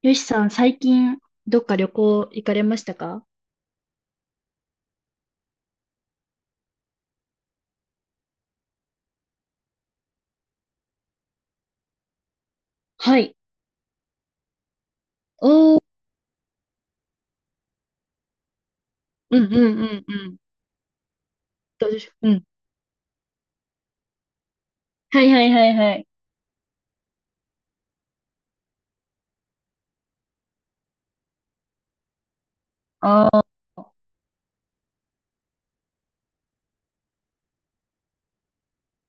よしさん、最近、どっか旅行行かれましたか？はい。おー、うんうんうんうん。どうでしょう？うん。はいはいはいはい。ああ、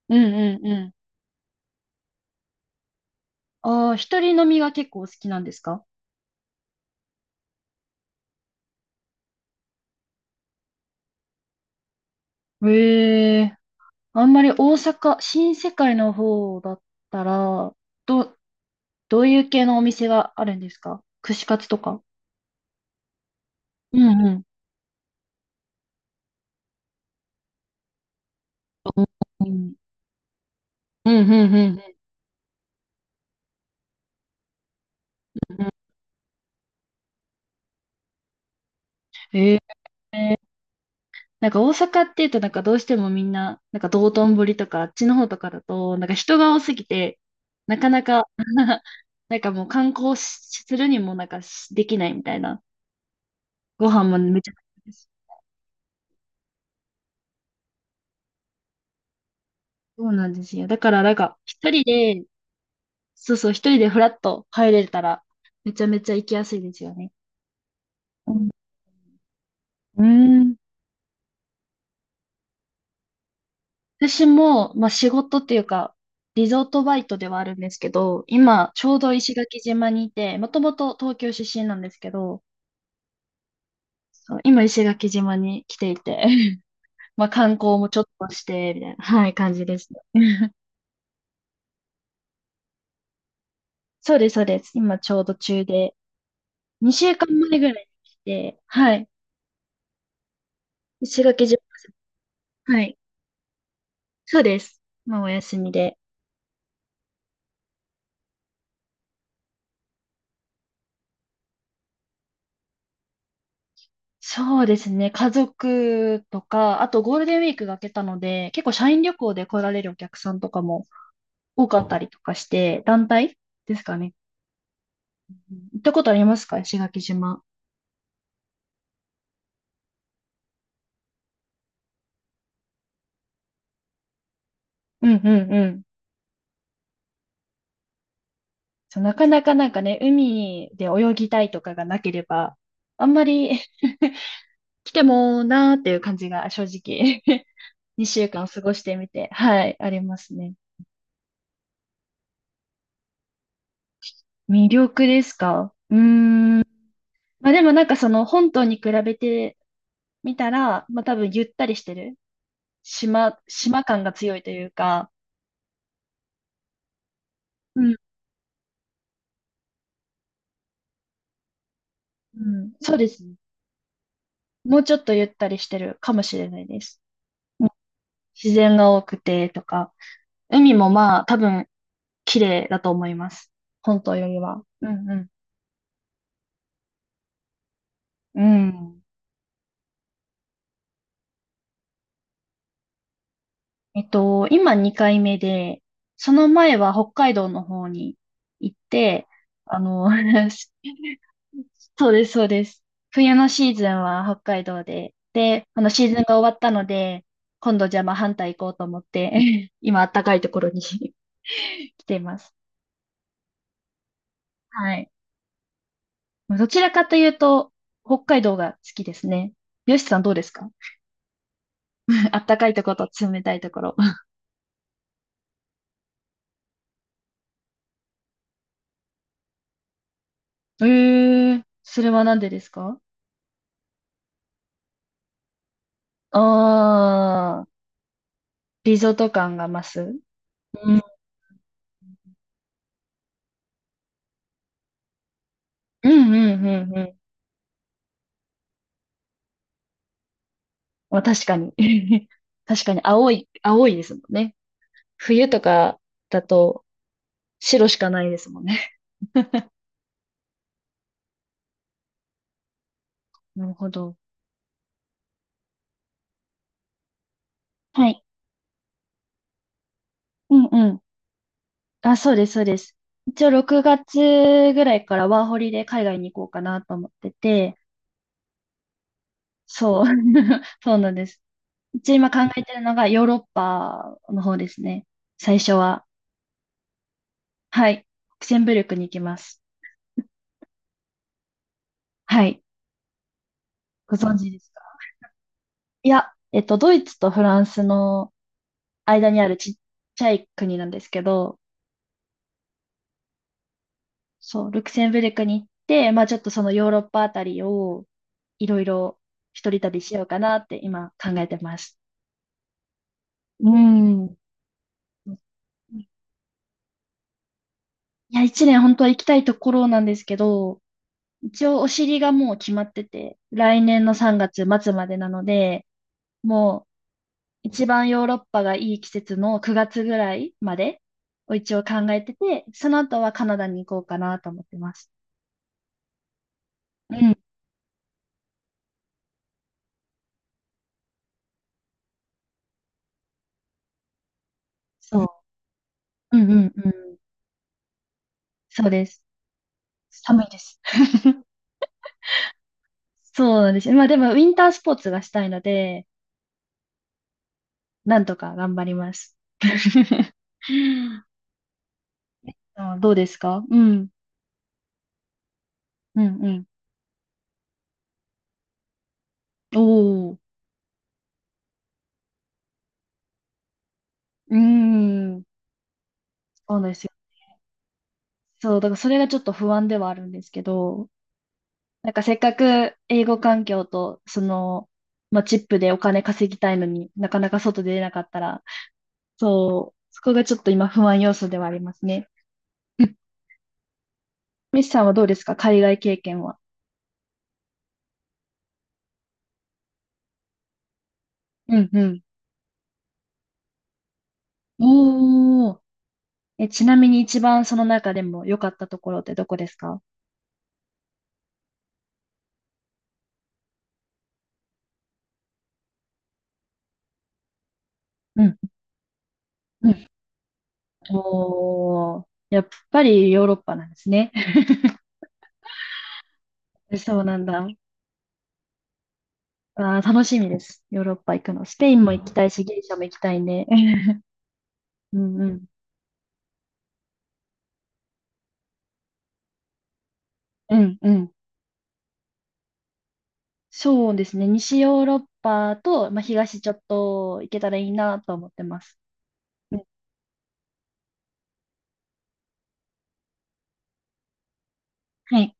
うんうんうん。ああ、一人飲みが結構好きなんですか？ええ。あんまり大阪、新世界の方だったら、ど、どういう系のお店があるんですか？串カツとか。うんうん。うんうんうんうんうんうん。ええ、なんか大阪っていうとなんかどうしてもみんな、なんか道頓堀とかあっちの方とかだと、なんか人が多すぎて、なかなか なんかもう観光しするにもなんかしできないみたいな。ご飯もめちゃくちゃです。そうなんですよ。だからなんか一人で、そうそう、一人でフラッと入れたら、めちゃめちゃ行きやすいですよね。うん。うん、私も、まあ仕事っていうか、リゾートバイトではあるんですけど、今、ちょうど石垣島にいて、もともと東京出身なんですけど、そう今、石垣島に来ていて、まあ観光もちょっとして、みたいな、はい、感じですね。そうです、そうです。今、ちょうど中で、2週間前ぐらいに来て、はい、石垣島、はい、そうです。まあ、お休みで。そうですね、家族とか、あとゴールデンウィークが明けたので、結構社員旅行で来られるお客さんとかも多かったりとかして、団体ですかね。うん、行ったことありますか？石垣島。うんうんうん。そう、なかなかなんかね、海で泳ぎたいとかがなければ、あんまり 来てもなーっていう感じが正直 2週間過ごしてみて、はい、ありますね。魅力ですか？うーん。まあでもなんかその本島に比べてみたら、まあ多分ゆったりしてる。島感が強いというか、うん、うん、そうですね。もうちょっとゆったりしてるかもしれないです。うん、自然が多くてとか、海もまあ多分綺麗だと思います。本当よりは。うんうん。うん、今2回目で、その前は北海道の方に行って、あの、そうです、そうです。冬のシーズンは北海道で、で、あのシーズンが終わったので、今度じゃあまあ反対行こうと思って、今暖かいところに 来ています。はい。どちらかというと、北海道が好きですね。よしさんどうですか？ 暖かいところと冷たいところ。ええ、それはなんでですか？ああー、リゾート感が増す。うん、うん、うん、うん。うん、まあ、確かに。確かに、青い、青いですもんね。冬とかだと、白しかないですもんね。なるほど。はい。うんうん。あ、そうです、そうです。一応6月ぐらいからワーホリで海外に行こうかなと思ってて、そう。そうなんです。一応今考えてるのがヨーロッパの方ですね。最初は。はい。ルクセンブルクに行きます。はい。ご存知ですか？いや、ドイツとフランスの間にあるちっちゃい国なんですけど、そう、ルクセンブルクに行って、まあちょっとそのヨーロッパあたりをいろいろ一人旅しようかなって今考えてます。うん。いや、一年本当は行きたいところなんですけど、一応お尻がもう決まってて、来年の3月末までなので、もう一番ヨーロッパがいい季節の9月ぐらいまでを一応考えてて、その後はカナダに行こうかなと思ってます。うん、そう。うんうんうん。そうです。寒いです。そうなんですよ。まあでも、ウィンタースポーツがしたいので、なんとか頑張ります。あ、どうですか？うん。うんうん。おお。うーん。そうなんですよ。そう、だからそれがちょっと不安ではあるんですけど、なんかせっかく英語環境と、その、まあ、チップでお金稼ぎたいのになかなか外出れなかったら、そう、そこがちょっと今不安要素ではありますね。うん、ミスさんはどうですか？海外経験は。うんうん。おー。え、ちなみに一番その中でも良かったところってどこですか？うんうん、おー。やっぱりヨーロッパなんですね。そうなんだ。あー、楽しみです。ヨーロッパ行くの。スペインも行きたいし、ギリシャも行きたいね。うんうん。うんうん。そうですね。西ヨーロッパと、まあ、東ちょっと行けたらいいなと思ってます。うん、はい。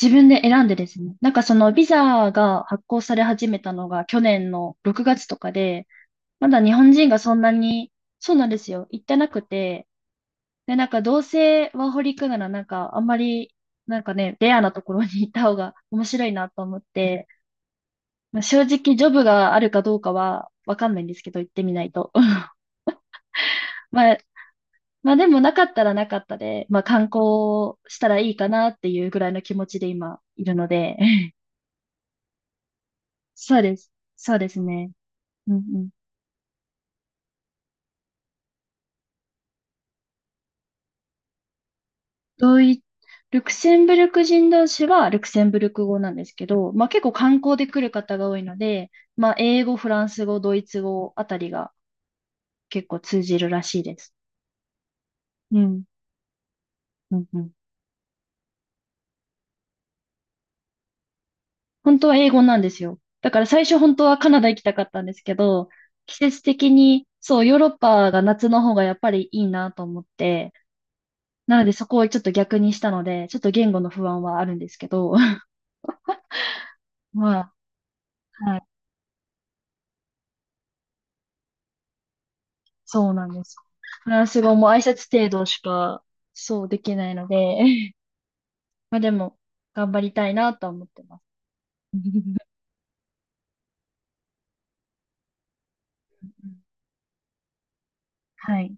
自分で選んでですね。なんかそのビザが発行され始めたのが去年の6月とかで、まだ日本人がそんなに、そうなんですよ。行ってなくて、で、なんかどうせワーホリ行くならなんかあんまり、なんかね、レアなところに行った方が 面白いなと思って、まあ、正直ジョブがあるかどうかはわかんないんですけど、行ってみないと。まあ、まあでもなかったらなかったで、まあ観光したらいいかなっていうぐらいの気持ちで今いるので、そうです。そうですね。うんうん。ドイ、ルクセンブルク人同士はルクセンブルク語なんですけど、まあ結構観光で来る方が多いので、まあ英語、フランス語、ドイツ語あたりが結構通じるらしいです。うん。うんうん、本当は英語なんですよ。だから最初本当はカナダ行きたかったんですけど、季節的に、そう、ヨーロッパが夏の方がやっぱりいいなと思って、なのでそこをちょっと逆にしたので、ちょっと言語の不安はあるんですけど、まあ、はい、そうなんです。フランス語も挨拶程度しか、そうできないので、まあでも、頑張りたいなとは思ってます。はい、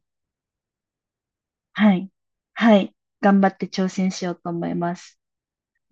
はい、はい、頑張って挑戦しようと思います。